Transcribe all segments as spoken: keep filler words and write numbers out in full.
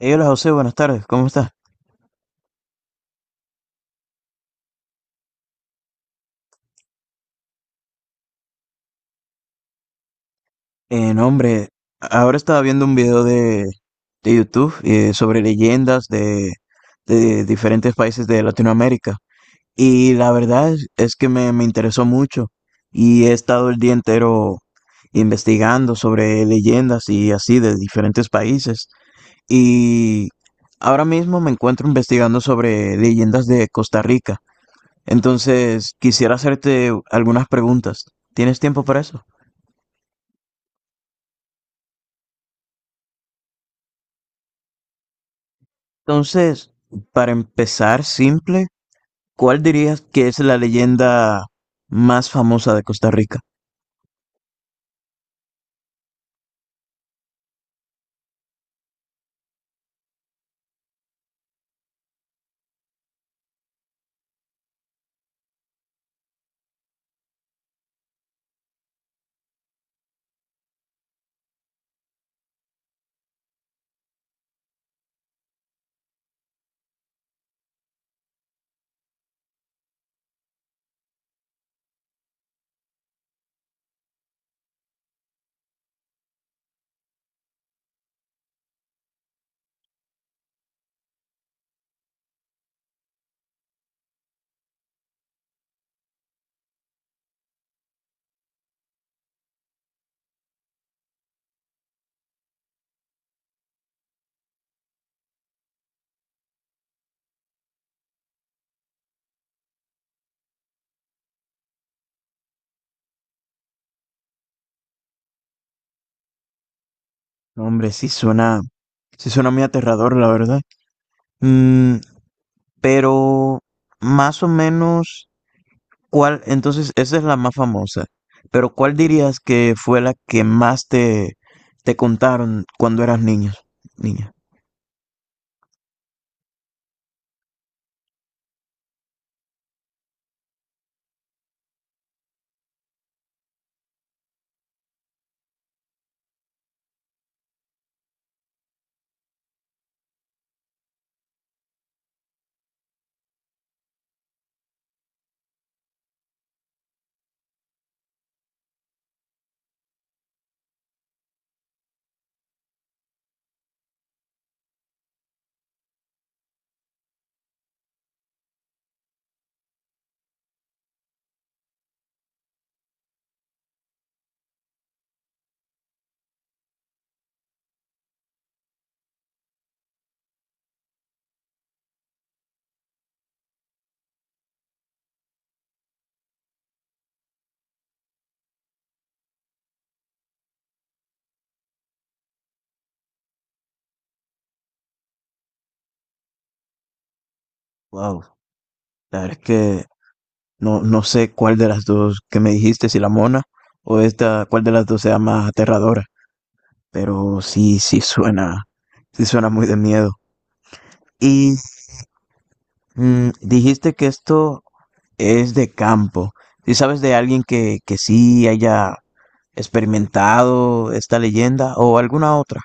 Hey, hola José, buenas tardes, ¿cómo estás? Eh, no, hombre, ahora estaba viendo un video de, de YouTube eh, sobre leyendas de, de diferentes países de Latinoamérica y la verdad es, es que me, me interesó mucho y he estado el día entero investigando sobre leyendas y así de diferentes países y ahora mismo me encuentro investigando sobre leyendas de Costa Rica. Entonces quisiera hacerte algunas preguntas. ¿Tienes tiempo para eso? Entonces, para empezar simple, ¿cuál dirías que es la leyenda más famosa de Costa Rica? No, hombre, sí suena, sí suena muy aterrador, la verdad. Mm, pero más o menos, ¿cuál? Entonces, esa es la más famosa. Pero ¿cuál dirías que fue la que más te, te contaron cuando eras niño, niña? Wow, la verdad es que no, no sé cuál de las dos que me dijiste, si la mona o esta, cuál de las dos sea más aterradora. Pero sí, sí suena, sí suena muy de miedo. Y mm, Dijiste que esto es de campo. ¿Y sabes de alguien que, que sí haya experimentado esta leyenda o alguna otra?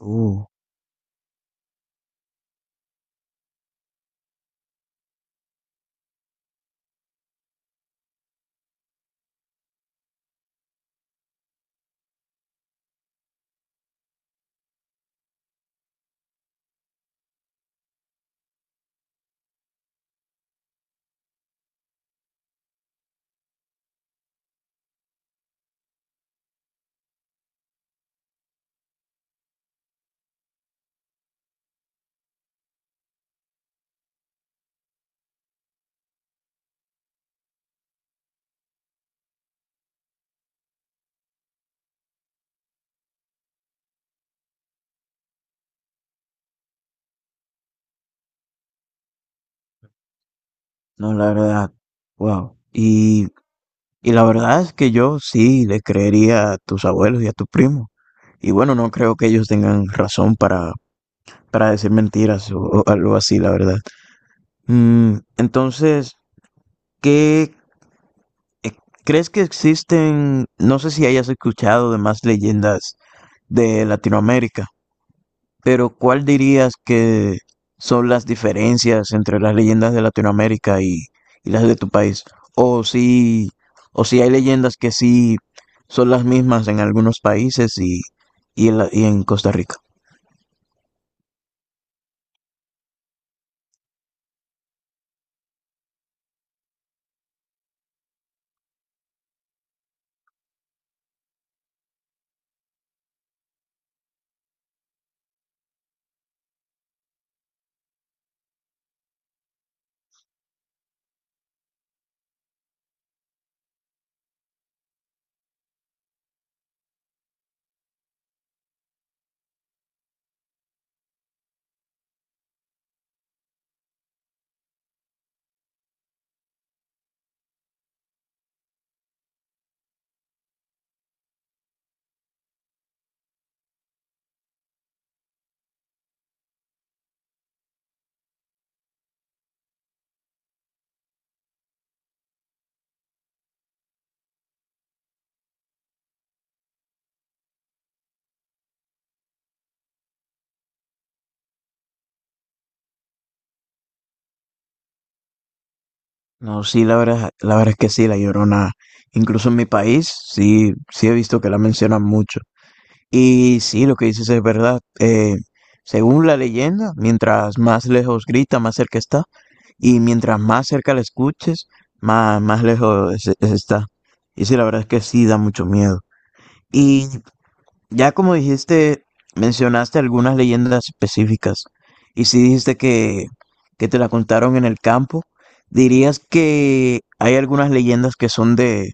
Uh, no, la verdad. Wow. Y, y la verdad es que yo sí le creería a tus abuelos y a tu primo. Y bueno, no creo que ellos tengan razón para, para decir mentiras o, o algo así, la verdad. Mm, entonces, ¿qué eh, crees que existen? No sé si hayas escuchado de más leyendas de Latinoamérica, pero ¿cuál dirías que son las diferencias entre las leyendas de Latinoamérica y, y las de tu país? O si, o si hay leyendas que sí son las mismas en algunos países y, y en la- y en Costa Rica. No, sí, la verdad, la verdad es que sí, La Llorona, incluso en mi país, sí, sí he visto que la mencionan mucho. Y sí, lo que dices es verdad. Eh, según la leyenda, mientras más lejos grita, más cerca está, y mientras más cerca la escuches, más, más lejos es- es- está. Y sí, la verdad es que sí da mucho miedo. Y ya como dijiste, mencionaste algunas leyendas específicas y si dijiste que, que te la contaron en el campo, ¿dirías que hay algunas leyendas que son de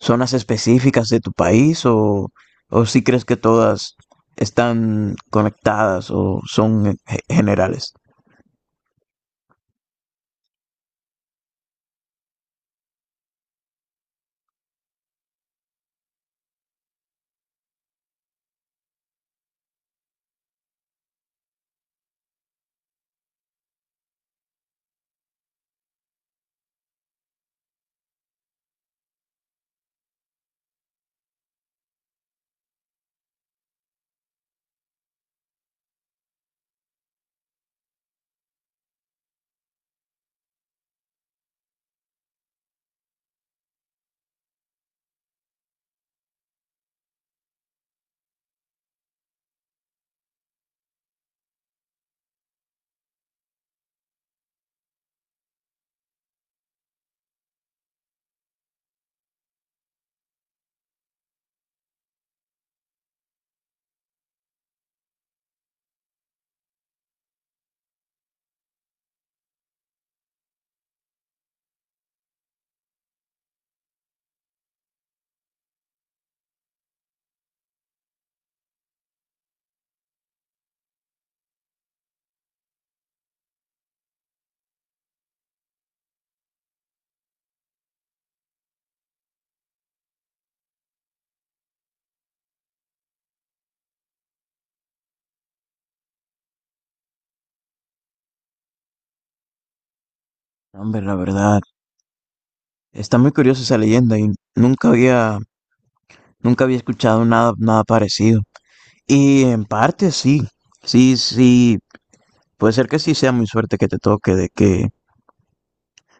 zonas específicas de tu país o, o si crees que todas están conectadas o son eh, generales? Hombre, la verdad, está muy curiosa esa leyenda y nunca había, nunca había escuchado nada, nada parecido. Y en parte sí, sí, sí, puede ser que sí sea muy suerte que te toque, de que,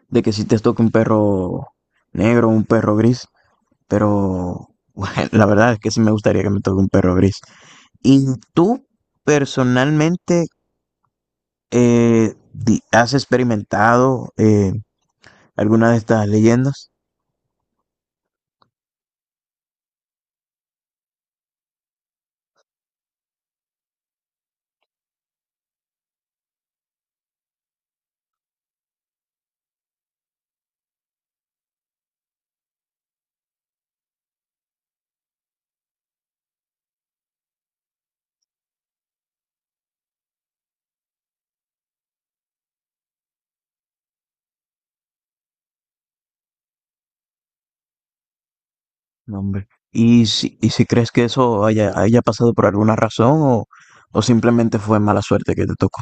de que sí te toque un perro negro, un perro gris, pero bueno, la verdad es que sí me gustaría que me toque un perro gris. Y tú personalmente eh, di- has experimentado eh, alguna de estas leyendas. No, hombre. Y si, y si crees que eso haya, haya pasado por alguna razón o, o simplemente fue mala suerte que te tocó.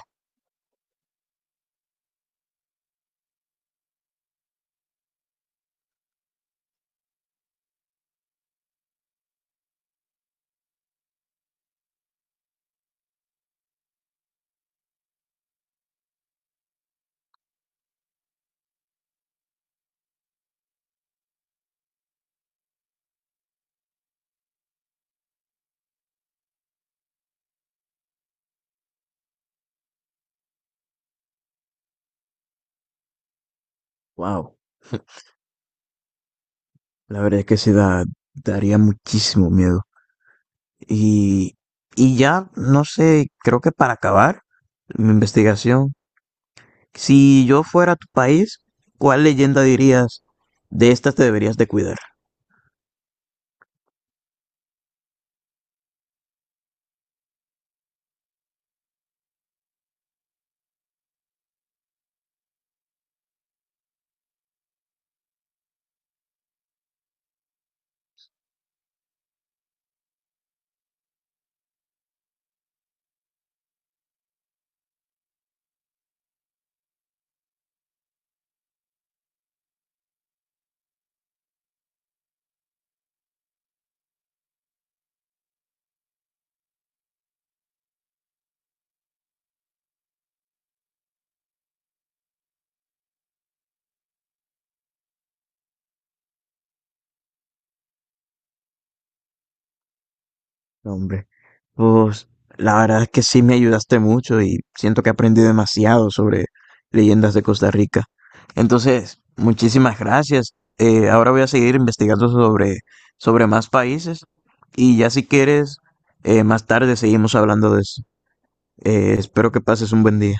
Wow, la verdad es que sí da, daría muchísimo miedo. Y, y ya, no sé, creo que para acabar mi investigación, si yo fuera a tu país, ¿cuál leyenda dirías de estas te deberías de cuidar? No, hombre, pues la verdad es que sí me ayudaste mucho y siento que he aprendido demasiado sobre leyendas de Costa Rica. Entonces, muchísimas gracias. Eh, ahora voy a seguir investigando sobre, sobre más países y ya si quieres, eh, más tarde seguimos hablando de eso. Eh, espero que pases un buen día.